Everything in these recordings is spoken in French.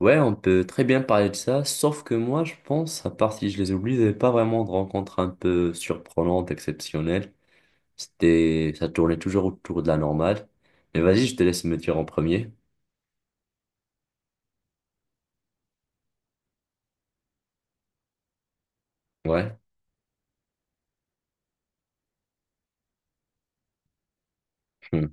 Ouais, on peut très bien parler de ça, sauf que moi, je pense, à part si je les oublie, j'avais pas vraiment de rencontres un peu surprenantes, exceptionnelles. Ça tournait toujours autour de la normale. Mais vas-y, je te laisse me dire en premier. Ouais. Hmm.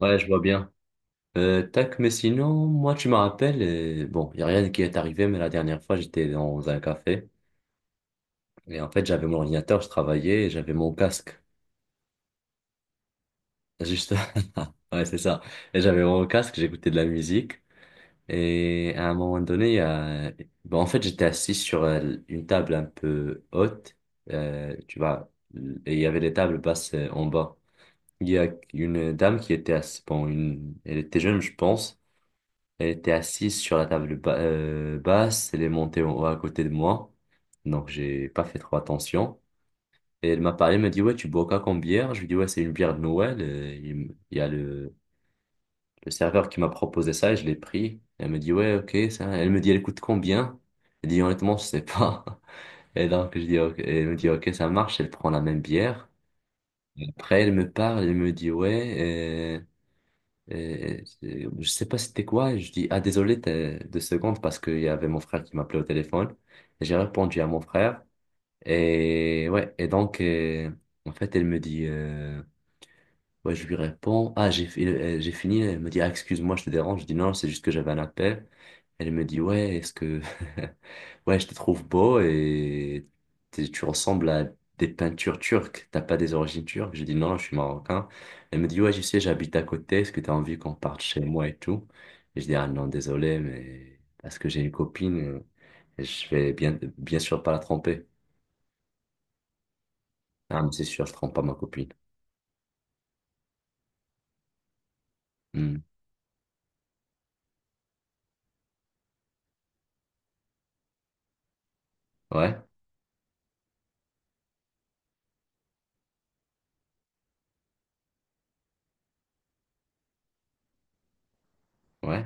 Ouais, je vois bien. Tac, mais sinon, moi, tu me rappelles, bon, il a rien qui est arrivé, mais la dernière fois, j'étais dans un café. Et en fait, j'avais mon ordinateur, je travaillais, et j'avais mon casque. Juste, ouais, c'est ça. Et j'avais mon casque, j'écoutais de la musique. Et à un moment donné, bon, en fait, j'étais assis sur une table un peu haute, tu vois, et il y avait des tables basses en bas. Il y a une dame qui était assise, bon, elle était jeune, je pense. Elle était assise sur la table basse, elle est montée en haut à côté de moi. Donc, j'ai pas fait trop attention. Et elle m'a parlé, elle m'a dit, ouais, tu bois quoi comme bière? Je lui dis ouais, c'est une bière de Noël. Il y a le serveur qui m'a proposé ça, je l'ai pris. Elle me dit, ouais, ok, ça. Elle me dit, elle coûte combien? Elle dit, honnêtement, je sais pas. Et donc, je dis, ok, elle me dit, ok, ça marche. Elle prend la même bière. Après, elle me parle, elle me dit, ouais, je sais pas c'était quoi. Je dis, ah, désolé, t'as deux secondes parce qu'il y avait mon frère qui m'appelait au téléphone. Et j'ai répondu à mon frère. Et ouais, et donc, en fait, elle me dit, ouais, je lui réponds, ah, j'ai fini, elle me dit, ah, excuse-moi, je te dérange. Je dis, non, c'est juste que j'avais un appel. Elle me dit, ouais, ouais, je te trouve beau et tu ressembles à des peintures turques. T'as pas des origines turques? Je dis, non, je suis marocain. Elle me dit, ouais, je sais, j'habite à côté. Est-ce que t'as envie qu'on parte chez moi et tout? Et je dis, ah, non, désolé, mais parce que j'ai une copine, et je vais bien, bien sûr pas la tromper. Ah, mais c'est sûr, je trompe pas ma copine. Hmm. Ouais, ouais.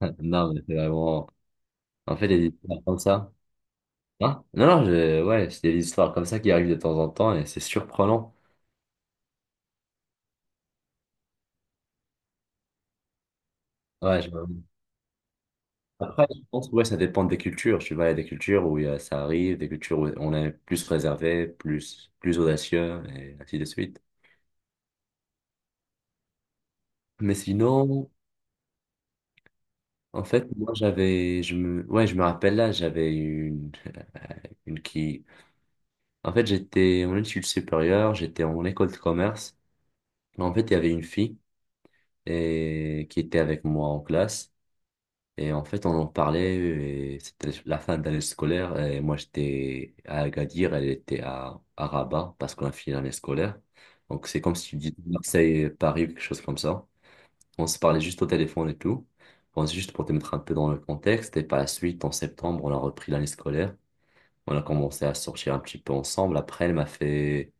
Non, mais c'est vraiment. En fait, il y a des histoires comme ça. Hein? Non, non, ouais, c'est des histoires comme ça qui arrivent de temps en temps et c'est surprenant. Ouais. Après, je pense que ouais, ça dépend des cultures. Tu vois, il y a des cultures où ça arrive, des cultures où on est plus réservé, plus audacieux et ainsi de suite. Mais sinon, en fait, moi, j'avais, ouais, je me rappelle là, j'avais une qui, en fait, j'étais en études supérieures, j'étais en école de commerce. En fait, il y avait une fille et qui était avec moi en classe. Et en fait, on en parlait, et c'était la fin d'année scolaire, et moi j'étais à Agadir, elle était à Rabat, parce qu'on a fini l'année scolaire. Donc c'est comme si tu dis Marseille, Paris, quelque chose comme ça. On se parlait juste au téléphone et tout. Bon, c'est juste pour te mettre un peu dans le contexte, et par la suite, en septembre, on a repris l'année scolaire. On a commencé à sortir un petit peu ensemble. Après, elle m'a fait,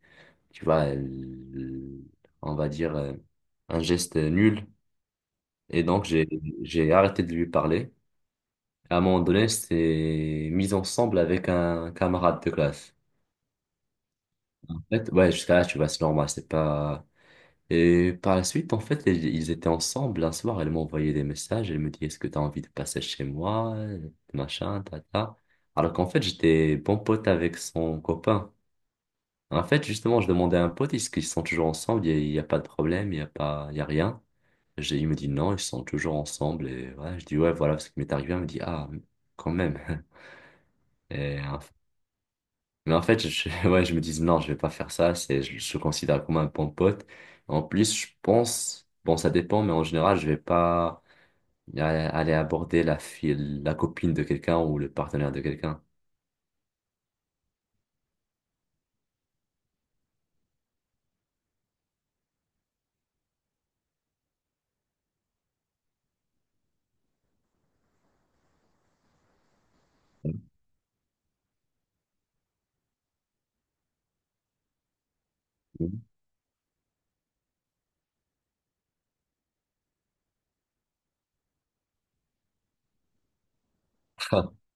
tu vois, on va dire, un geste nul. Et donc, j'ai arrêté de lui parler. À un moment donné, c'était mis ensemble avec un camarade de classe. En fait, ouais, jusqu'à là, tu vois, c'est normal, c'est pas... Et par la suite, en fait, ils étaient ensemble un soir, elle m'a envoyé des messages, elle me dit, est-ce que t'as envie de passer chez moi, machin, tata. Alors qu'en fait, j'étais bon pote avec son copain. En fait, justement, je demandais à un pote, est-ce qu'ils sont toujours ensemble, y a pas de problème, il n'y a pas, il y a rien. Il me dit, non, ils sont toujours ensemble, et ouais, je dis, ouais, voilà ce qui m'est arrivé, il me dit, ah, quand même. Et, en Mais en fait, ouais, je me dis non, je vais pas faire ça. Je le considère comme un bon pote. En plus, je pense, bon, ça dépend, mais en général, je vais pas aller aborder la fille, la copine de quelqu'un ou le partenaire de quelqu'un. Mhm.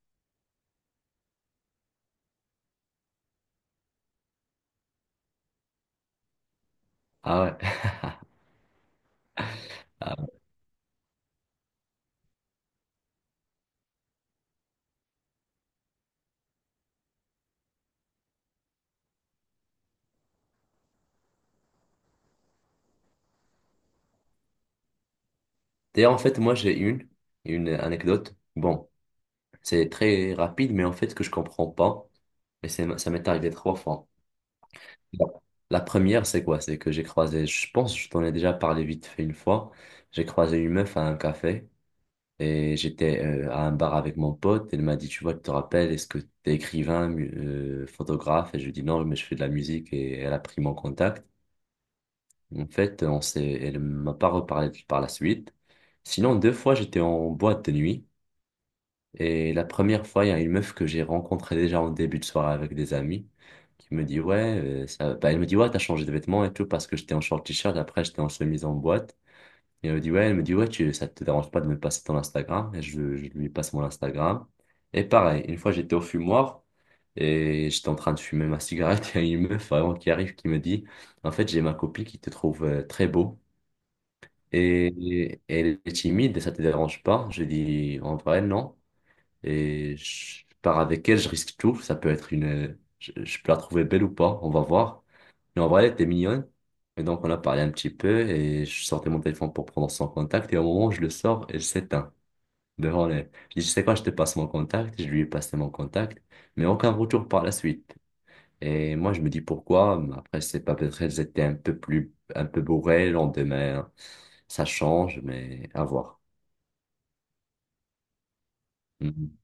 Ah ouais. Ah. D'ailleurs, en fait, moi, j'ai une anecdote. Bon, c'est très rapide, mais en fait, que je comprends pas. Et ça m'est arrivé trois fois. La la première, c'est quoi? C'est que j'ai croisé, je pense, je t'en ai déjà parlé vite fait une fois. J'ai croisé une meuf à un café et j'étais à un bar avec mon pote. Elle m'a dit, tu vois, tu te rappelles, est-ce que t'es écrivain, photographe? Et je lui ai dit, non, mais je fais de la musique et elle a pris mon contact. En fait, elle m'a pas reparlé par la suite. Sinon, deux fois, j'étais en boîte de nuit. Et la première fois, il y a une meuf que j'ai rencontrée déjà en début de soirée avec des amis qui me dit, ouais, bah, elle me dit, ouais, t'as changé de vêtements et tout parce que j'étais en short t-shirt, après j'étais en chemise en boîte. Et elle me dit, ouais, elle me dit, ouais, ça te dérange pas de me passer ton Instagram? Et je lui passe mon Instagram. Et pareil, une fois j'étais au fumoir et j'étais en train de fumer ma cigarette, il y a une meuf vraiment qui arrive qui me dit, en fait, j'ai ma copine qui te trouve très beau et elle est timide et ça te dérange pas? Je dis, en vrai, non et je pars avec elle, je risque tout. Ça peut être je peux la trouver belle ou pas, on va voir. Mais en vrai, elle était mignonne. Et donc, on a parlé un petit peu et je sortais mon téléphone pour prendre son contact. Et au moment où je le sors, elle s'éteint devant les. Je dis, tu sais quoi, je te passe mon contact. Je lui ai passé mon contact, mais aucun retour par la suite. Et moi, je me dis pourquoi. Mais après, c'est pas peut-être elles étaient un peu bourrées le lendemain, hein. Ça change, mais à voir. Mhm.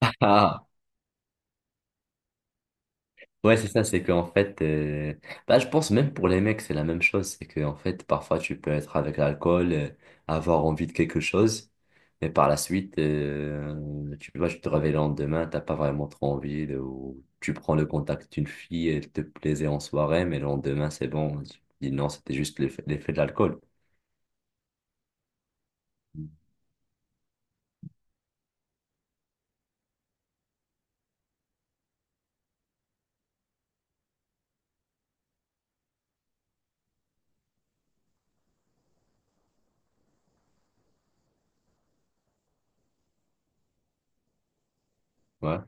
Ouais, c'est ça, c'est qu'en fait, bah, je pense même pour les mecs, c'est la même chose. C'est qu'en fait, parfois, tu peux être avec l'alcool, avoir envie de quelque chose, mais par la suite, tu peux pas, tu te réveilles le lendemain, t'as pas vraiment trop envie, ou tu prends le contact d'une fille, elle te plaisait en soirée, mais le lendemain, c'est bon. Tu dis non, c'était juste l'effet de l'alcool. Ouais.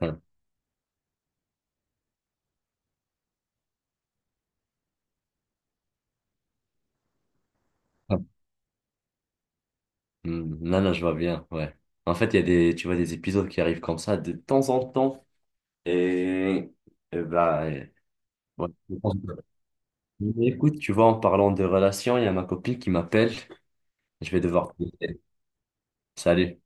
Hum. Non, non, je vois bien, ouais. En fait, il y a tu vois, des épisodes qui arrivent comme ça de temps en temps. Et, et bah, Ouais. Écoute, tu vois, en parlant de relations, il y a ma copine qui m'appelle. Je vais devoir te laisser. Salut.